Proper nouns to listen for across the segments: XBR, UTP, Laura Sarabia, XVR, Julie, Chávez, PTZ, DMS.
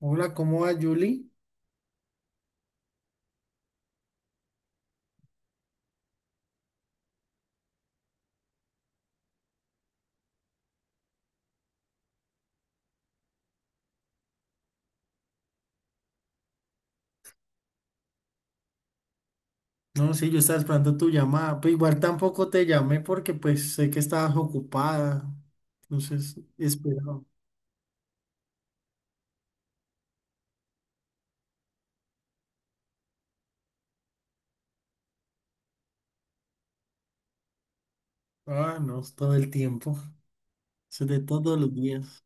Hola, ¿cómo va, Julie? No, sí, yo estaba esperando tu llamada. Pues igual tampoco te llamé porque pues sé que estabas ocupada. Entonces, esperaba. Ah, no, es todo el tiempo. Es de todos los días.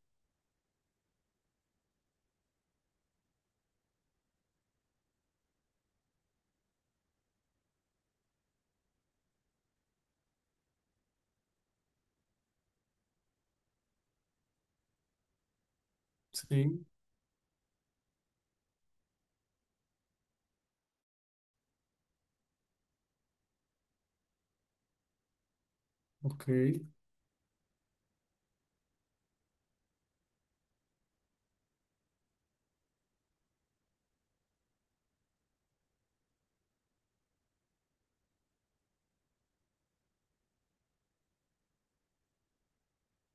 Sí, ok,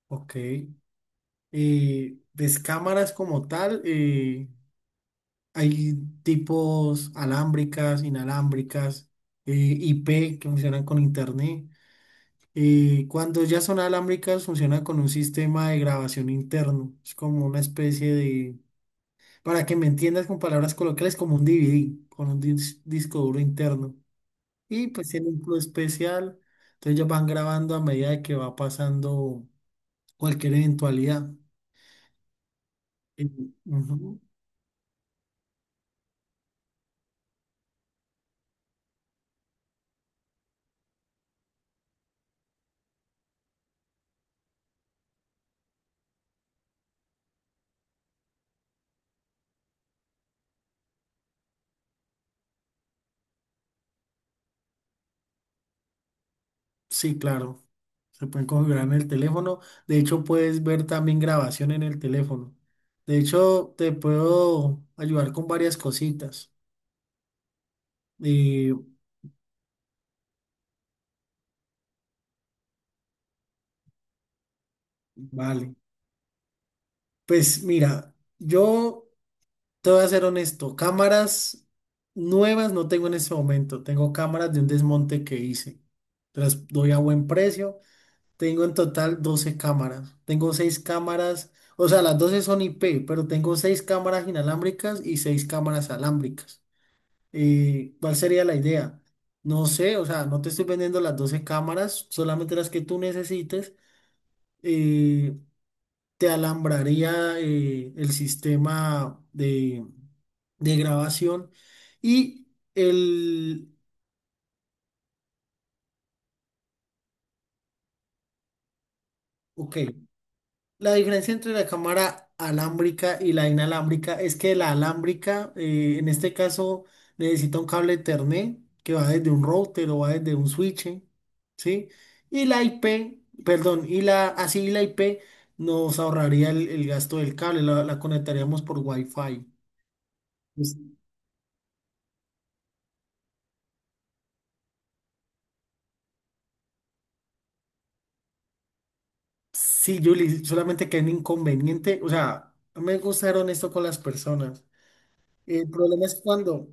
ok. Pues cámaras como tal, hay tipos alámbricas, inalámbricas, eh, IP que funcionan con internet. Y cuando ya son alámbricas, funciona con un sistema de grabación interno. Es como una especie de, para que me entiendas con palabras coloquiales, como un DVD, con un disco duro interno. Y pues tiene un plus especial. Entonces ellos van grabando a medida de que va pasando cualquier eventualidad. Y ujú. Sí, claro. Se pueden configurar en el teléfono. De hecho, puedes ver también grabación en el teléfono. De hecho, te puedo ayudar con varias cositas. Eh, Vale, pues mira, yo te voy a ser honesto, cámaras nuevas no tengo en este momento, tengo cámaras de un desmonte que hice, te las doy a buen precio, tengo en total 12 cámaras, tengo 6 cámaras, o sea, las 12 son IP, pero tengo 6 cámaras inalámbricas y 6 cámaras alámbricas. ¿Cuál sería la idea? No sé, o sea, no te estoy vendiendo las 12 cámaras, solamente las que tú necesites. eh, Te alambraría el sistema de grabación y el... Ok, la diferencia entre la cámara alámbrica y la inalámbrica es que la alámbrica, en este caso, necesita un cable Ethernet que va desde un router o va desde un switch, ¿sí? Y la IP, perdón, y la, así y la IP nos ahorraría el gasto del cable, la conectaríamos por Wi-Fi. Sí, Julie, solamente que hay un inconveniente, o sea, no me gusta ser honesto con las personas. El problema es cuando,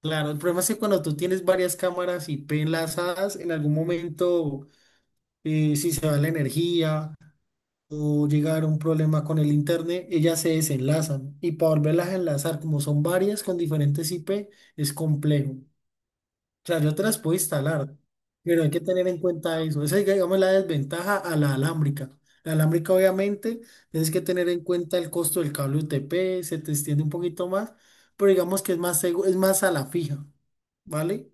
claro, el problema es que cuando tú tienes varias cámaras IP enlazadas, en algún momento, si se va la energía o llega a un problema con el internet, ellas se desenlazan. Y para volverlas a enlazar, como son varias con diferentes IP, es complejo. Sea, yo te las puedo instalar, pero hay que tener en cuenta eso. Esa es, digamos, la desventaja a la alámbrica. La alámbrica, obviamente, tienes que tener en cuenta el costo del cable UTP, se te extiende un poquito más, pero digamos que es más es más a la fija, ¿vale?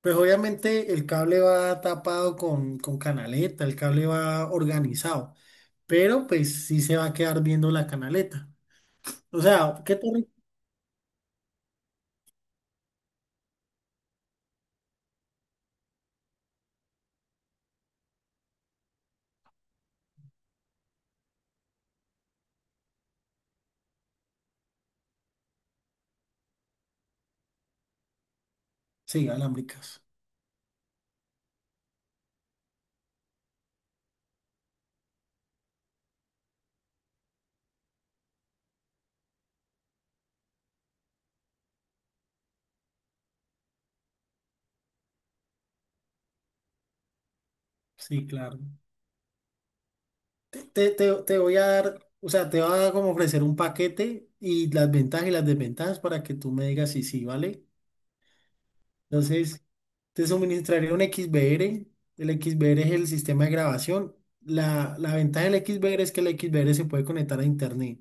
Pues obviamente el cable va tapado con canaleta, el cable va organizado, pero pues sí se va a quedar viendo la canaleta. O sea, ¿qué te... re-? Sí, alámbricas. Sí, claro. Te, te voy a dar, o sea, te va a como ofrecer un paquete y las ventajas y las desventajas para que tú me digas si sí, ¿vale? Entonces, te suministraría un XBR. El XBR es el sistema de grabación. La ventaja del XBR es que el XBR se puede conectar a internet,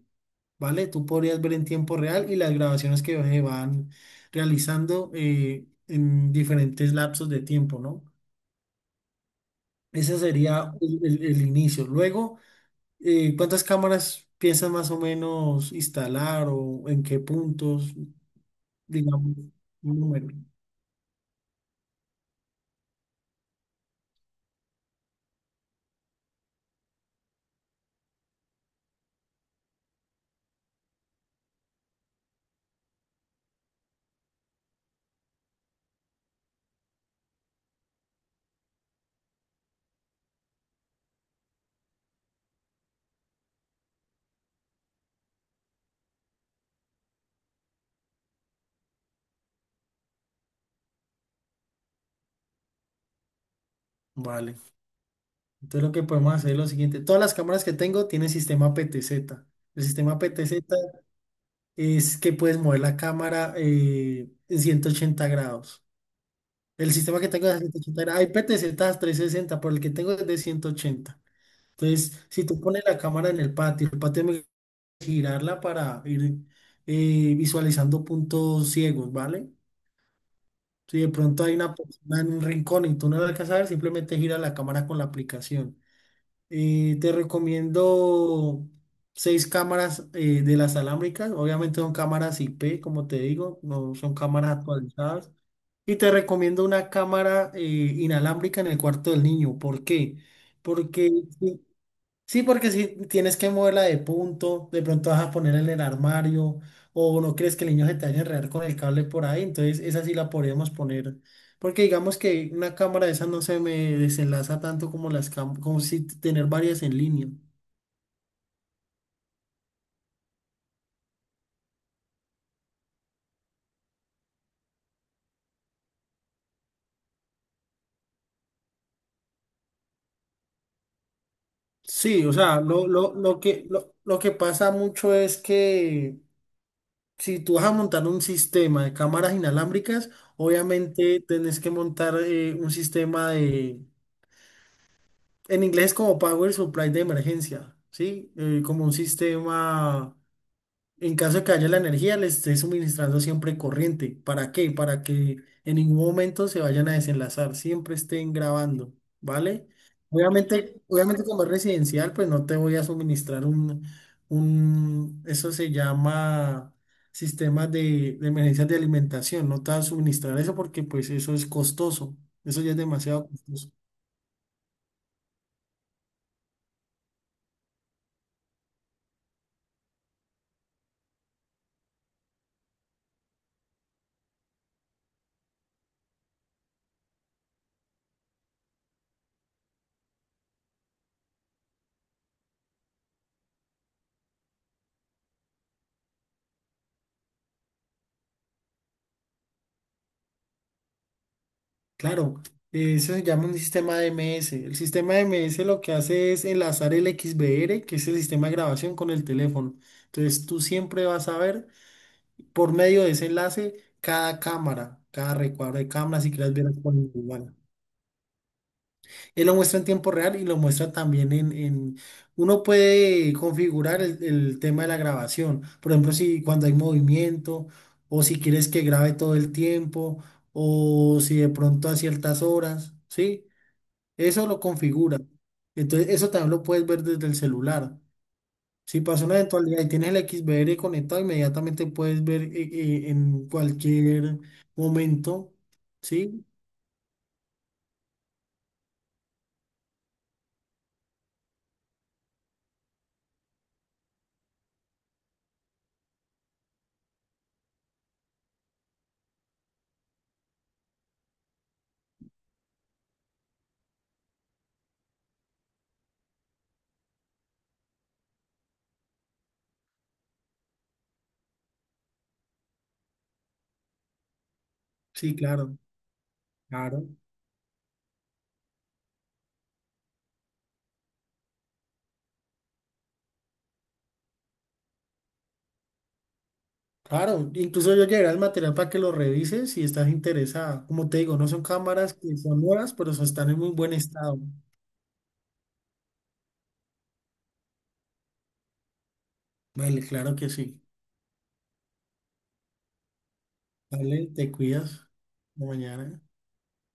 ¿vale? Tú podrías ver en tiempo real y las grabaciones que se van realizando en diferentes lapsos de tiempo, ¿no? Ese sería el el inicio. Luego... ¿cuántas cámaras piensas más o menos instalar o en qué puntos, digamos, un número? Vale. Entonces lo que podemos hacer es lo siguiente. Todas las cámaras que tengo tienen sistema PTZ. El sistema PTZ es que puedes mover la cámara en 180 grados. El sistema que tengo es de 180 grados. Hay PTZ 360, pero el que tengo es de 180. Entonces, si tú pones la cámara en el patio me girarla para ir visualizando puntos ciegos, ¿vale? Si de pronto hay una persona en un rincón y tú no la alcanzas a ver, simplemente gira la cámara con la aplicación. Te recomiendo seis cámaras de las alámbricas. Obviamente son cámaras IP, como te digo, no son cámaras actualizadas. Y te recomiendo una cámara inalámbrica en el cuarto del niño. ¿Por qué? Porque si sí, porque si tienes que moverla de punto, de pronto vas a ponerla en el armario, o no crees que el niño se te vaya a enredar con el cable por ahí, entonces esa sí la podríamos poner. Porque digamos que una cámara de esas no se me desenlaza tanto como las como si tener varias en línea. Sí, o sea, lo que pasa mucho es que si tú vas a montar un sistema de cámaras inalámbricas, obviamente tenés que montar un sistema. En inglés es como Power Supply de emergencia, ¿sí? Como un sistema, en caso de que haya la energía, les esté suministrando siempre corriente. ¿Para qué? Para que en ningún momento se vayan a desenlazar, siempre estén grabando, ¿vale? Obviamente, obviamente como es residencial, pues no te voy a suministrar un, eso se llama sistema de emergencias de alimentación, no te voy a suministrar eso porque pues eso es costoso, eso ya es demasiado costoso. Claro, eso se llama un sistema DMS. El sistema DMS lo que hace es enlazar el XBR, que es el sistema de grabación, con el teléfono. Entonces tú siempre vas a ver por medio de ese enlace cada cámara, cada recuadro de cámara, si quieres ver con igual. Él lo muestra en tiempo real y lo muestra también en... en... Uno puede configurar el tema de la grabación. Por ejemplo, si cuando hay movimiento o si quieres que grabe todo el tiempo o si de pronto a ciertas horas, ¿sí? Eso lo configura. Entonces, eso también lo puedes ver desde el celular. Si pasa una eventualidad y tienes el XVR conectado, inmediatamente puedes ver en cualquier momento. Sí, sí, claro, claro, claro. Incluso yo llevaré el material para que lo revises si estás interesada. Como te digo, no son cámaras que son nuevas, pero están en muy buen estado. Vale, claro que sí. Vale, te cuidas. Hasta mañana.